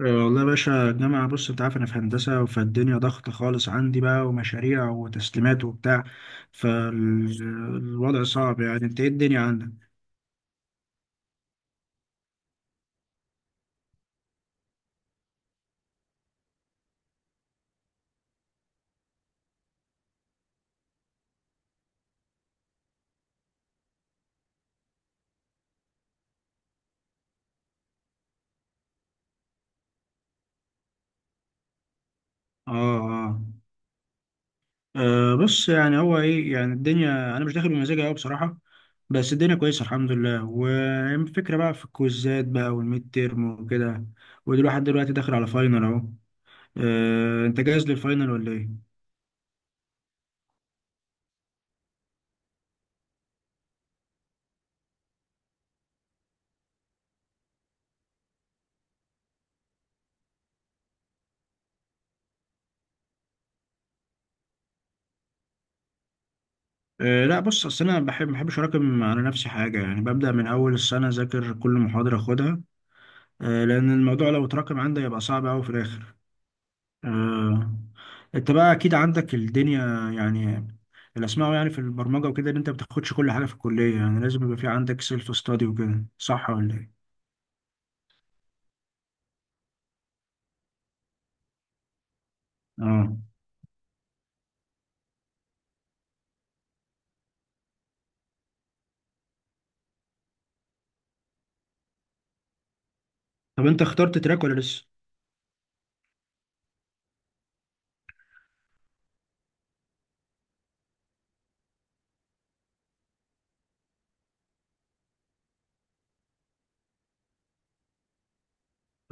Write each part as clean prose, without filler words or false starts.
والله يا باشا الجامعة، بص انت عارف انا في هندسة، فالدنيا ضغط خالص عندي بقى ومشاريع وتسليمات وبتاع. فالوضع صعب، يعني انت ايه الدنيا عندك؟ اه اه. بص يعني هو ايه، يعني الدنيا انا مش داخل بمزاجي قوي بصراحة، بس الدنيا كويسة الحمد لله. والفكرة بقى في الكويزات بقى والميد تيرم وكده، ودلوقتي لحد دلوقتي داخل على فاينل اهو. انت جاهز للفاينل ولا ايه؟ أه لا بص، اصل انا بحب ما بحبش اراكم على نفسي حاجه، يعني ببدا من اول السنه اذاكر كل محاضره اخدها. أه لان الموضوع لو اتراكم عندي يبقى صعب قوي في الاخر. أه. انت بقى اكيد عندك الدنيا يعني، اللي اسمعه يعني في البرمجه وكده ان انت ما بتاخدش كل حاجه في الكليه، يعني لازم يبقى في عندك سيلف ستادي وكده، صح ولا ايه؟ اه، طب انت اخترت تراك ولا لسه؟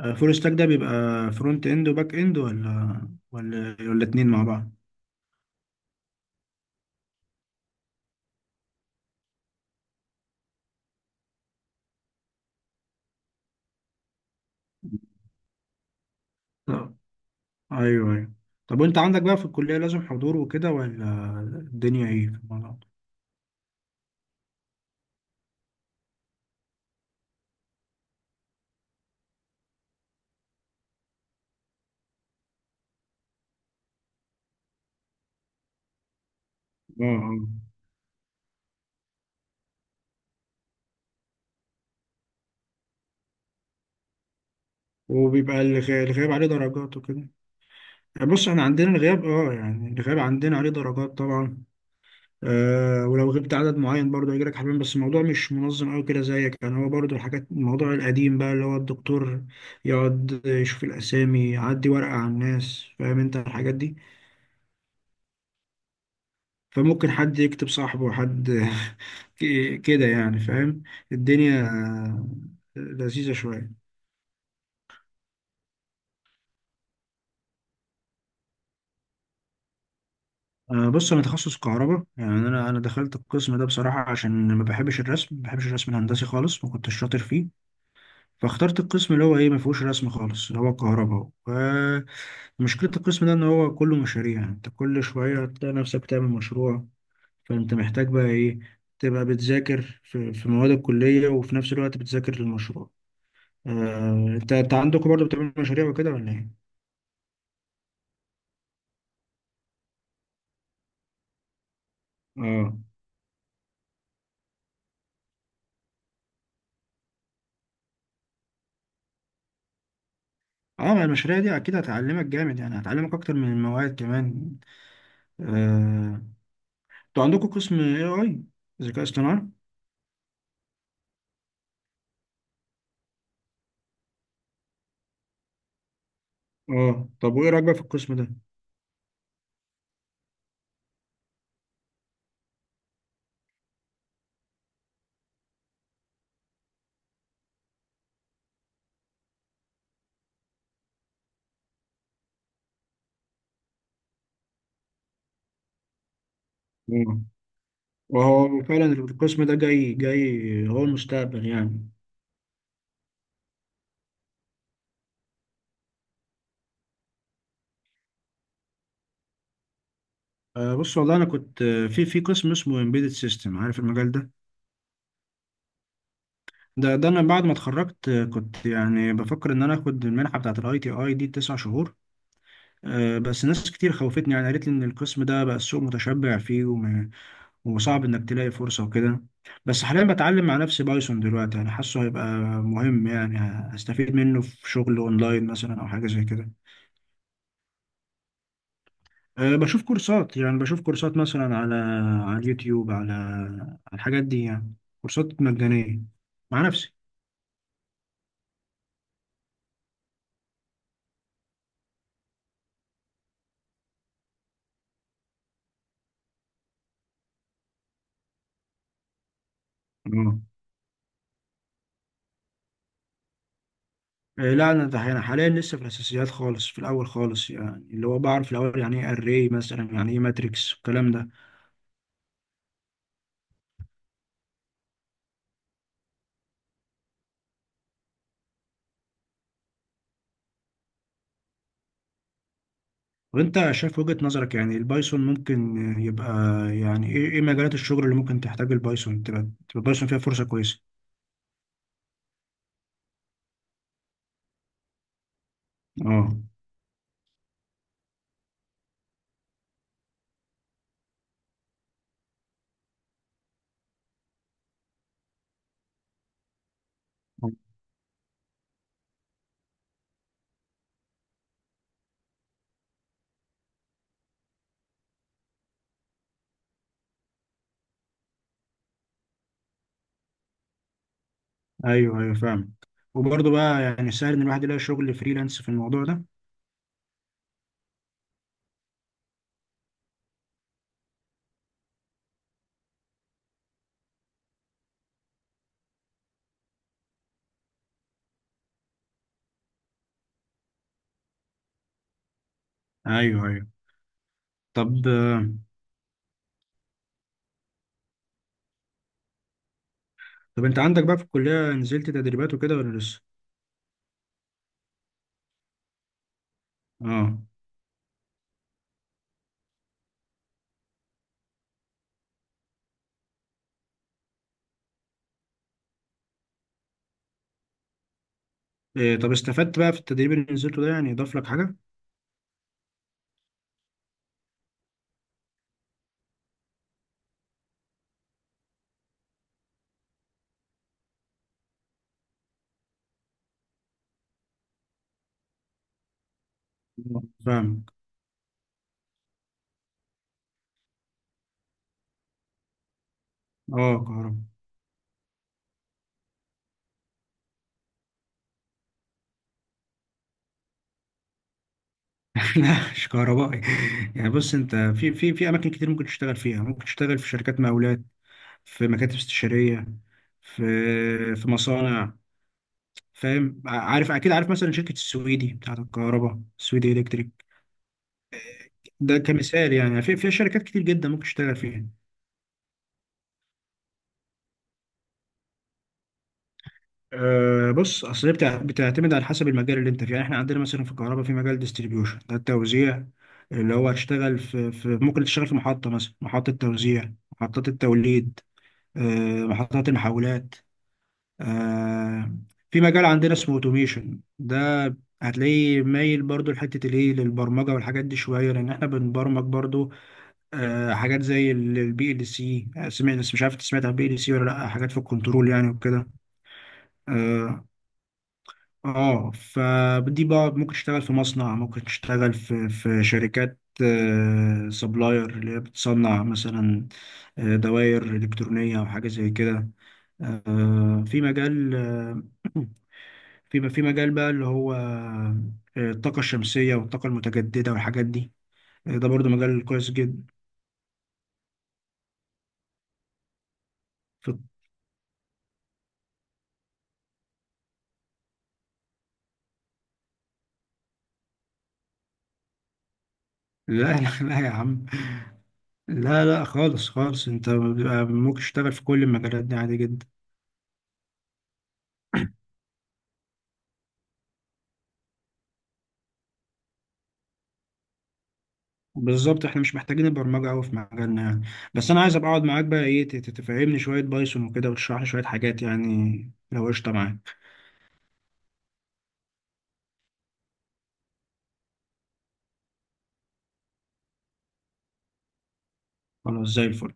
أه، فول ستاك ده بيبقى فرونت اند وباك اند، ولا اتنين مع بعض؟ ايوه ايوه. طب وانت عندك بقى في الكلية لازم حضور وكده ولا؟ الدنيا ايه في الموضوع ده؟ اه اه. وبيبقى الغياب عليه درجات وكده؟ يعني بص احنا عندنا الغياب، اه يعني الغياب عندنا عليه درجات طبعا. آه، ولو غبت عدد معين برضه هيجيلك لك حبيبين، بس الموضوع مش منظم قوي كده زيك، يعني هو برضه الحاجات الموضوع القديم بقى اللي هو الدكتور يقعد يشوف الاسامي، يعدي ورقة على الناس، فاهم انت الحاجات دي؟ فممكن حد يكتب صاحبه حد كده يعني، فاهم؟ الدنيا لذيذة شوية. بص انا تخصص كهرباء، يعني انا دخلت القسم ده بصراحة عشان ما بحبش الرسم، ما بحبش الرسم الهندسي خالص، ما كنتش شاطر فيه. فاخترت القسم اللي هو ايه، ما فيهوش رسم خالص اللي هو كهرباء. مشكلة القسم ده ان هو كله مشاريع، يعني انت كل شوية هتلاقي نفسك تعمل مشروع. فانت محتاج بقى ايه، تبقى بتذاكر في مواد الكلية وفي نفس الوقت بتذاكر للمشروع. انت عندكم برضه بتعملوا مشاريع وكده ولا ايه؟ اه اه، ما المشاريع دي اكيد هتعلمك جامد، يعني هتعلمك اكتر من المواد كمان. آه، انتوا عندكم قسم اي اي، ذكاء اصطناعي. اه، طب وايه رايك بقى في القسم ده؟ آه. وهو فعلا القسم ده جاي هو المستقبل يعني. بص والله انا كنت، في قسم اسمه embedded system، عارف المجال ده؟ ده انا بعد ما اتخرجت، كنت يعني بفكر ان انا اخد المنحه بتاعه الاي تي اي دي 9 شهور. بس ناس كتير خوفتني، يعني قالت لي ان القسم ده بقى السوق متشبع فيه، وصعب انك تلاقي فرصة وكده. بس حاليا بتعلم مع نفسي بايثون دلوقتي، يعني حاسه هيبقى مهم يعني، هستفيد منه في شغل اونلاين مثلا او حاجة زي كده. أه، بشوف كورسات، يعني بشوف كورسات مثلا على اليوتيوب، على الحاجات دي يعني، كورسات مجانية مع نفسي. اه. لا انا ده انا حاليا لسه في الاساسيات خالص، في الاول خالص، يعني اللي هو بعرف الاول يعني ايه اري مثلا، يعني ايه ماتريكس والكلام ده. وانت شايف وجهة نظرك يعني البايثون ممكن يبقى، يعني ايه ايه مجالات الشغل اللي ممكن تحتاج البايثون، تبقى البايثون فيها فرصة كويسة؟ اه، ايوه ايوه فاهم. وبرضه بقى يعني سهل ان الواحد يلاقي شغل فريلانس في الموضوع ده؟ ايوه ايوه. طب طب انت عندك بقى في الكلية نزلت تدريبات وكده ولا لسه؟ اه. إيه، طب استفدت بقى في التدريب اللي نزلته ده، يعني اضاف لك حاجة؟ آه. فاهمك. اه، كهرباء. لا مش كهربائي، يعني بص انت في في اماكن كتير ممكن تشتغل فيها، ممكن تشتغل في شركات مقاولات، في مكاتب استشارية، في مصانع. فاهم؟ عارف أكيد، عارف مثلا شركة السويدي بتاعت الكهرباء، السويدي إلكتريك، ده كمثال يعني، في شركات كتير جدا ممكن تشتغل فيها. أه بص أصل هي بتعتمد على حسب المجال اللي أنت فيه، يعني إحنا عندنا مثلا في الكهرباء في مجال ديستريبيوشن ده التوزيع، اللي هو هتشتغل في, في ممكن تشتغل في محطة مثلا، محطة توزيع، محطات التوليد، أه محطات المحولات. آه، في مجال عندنا اسمه اوتوميشن ده، هتلاقيه مايل برضو لحتة الايه للبرمجة والحاجات دي شوية، لأن احنا بنبرمج برضو. آه، حاجات زي البي ال سي، سمعت مش عارف انت سمعت عن البي ال سي ولا لأ؟ حاجات في الكنترول يعني وكده. اه. فدي بقى ممكن تشتغل في مصنع، ممكن تشتغل في شركات آه سبلاير، اللي هي بتصنع مثلا دوائر إلكترونية أو حاجة زي كده. آه في مجال آه، في مجال بقى اللي هو، الطاقة الشمسية والطاقة المتجددة والحاجات دي، ده برضو مجال كويس جدا. في الط- لا لا لا يا عم، لا لا خالص خالص، انت بيبقى ممكن تشتغل في كل المجالات دي عادي جدا. بالظبط، احنا مش محتاجين البرمجة قوي في مجالنا يعني. بس انا عايز ابقى اقعد معاك بقى ايه، تفهمني شوية بايثون وكده، وتشرح لي شوية حاجات يعني لو قشطة معاك. خلاص زي الفل.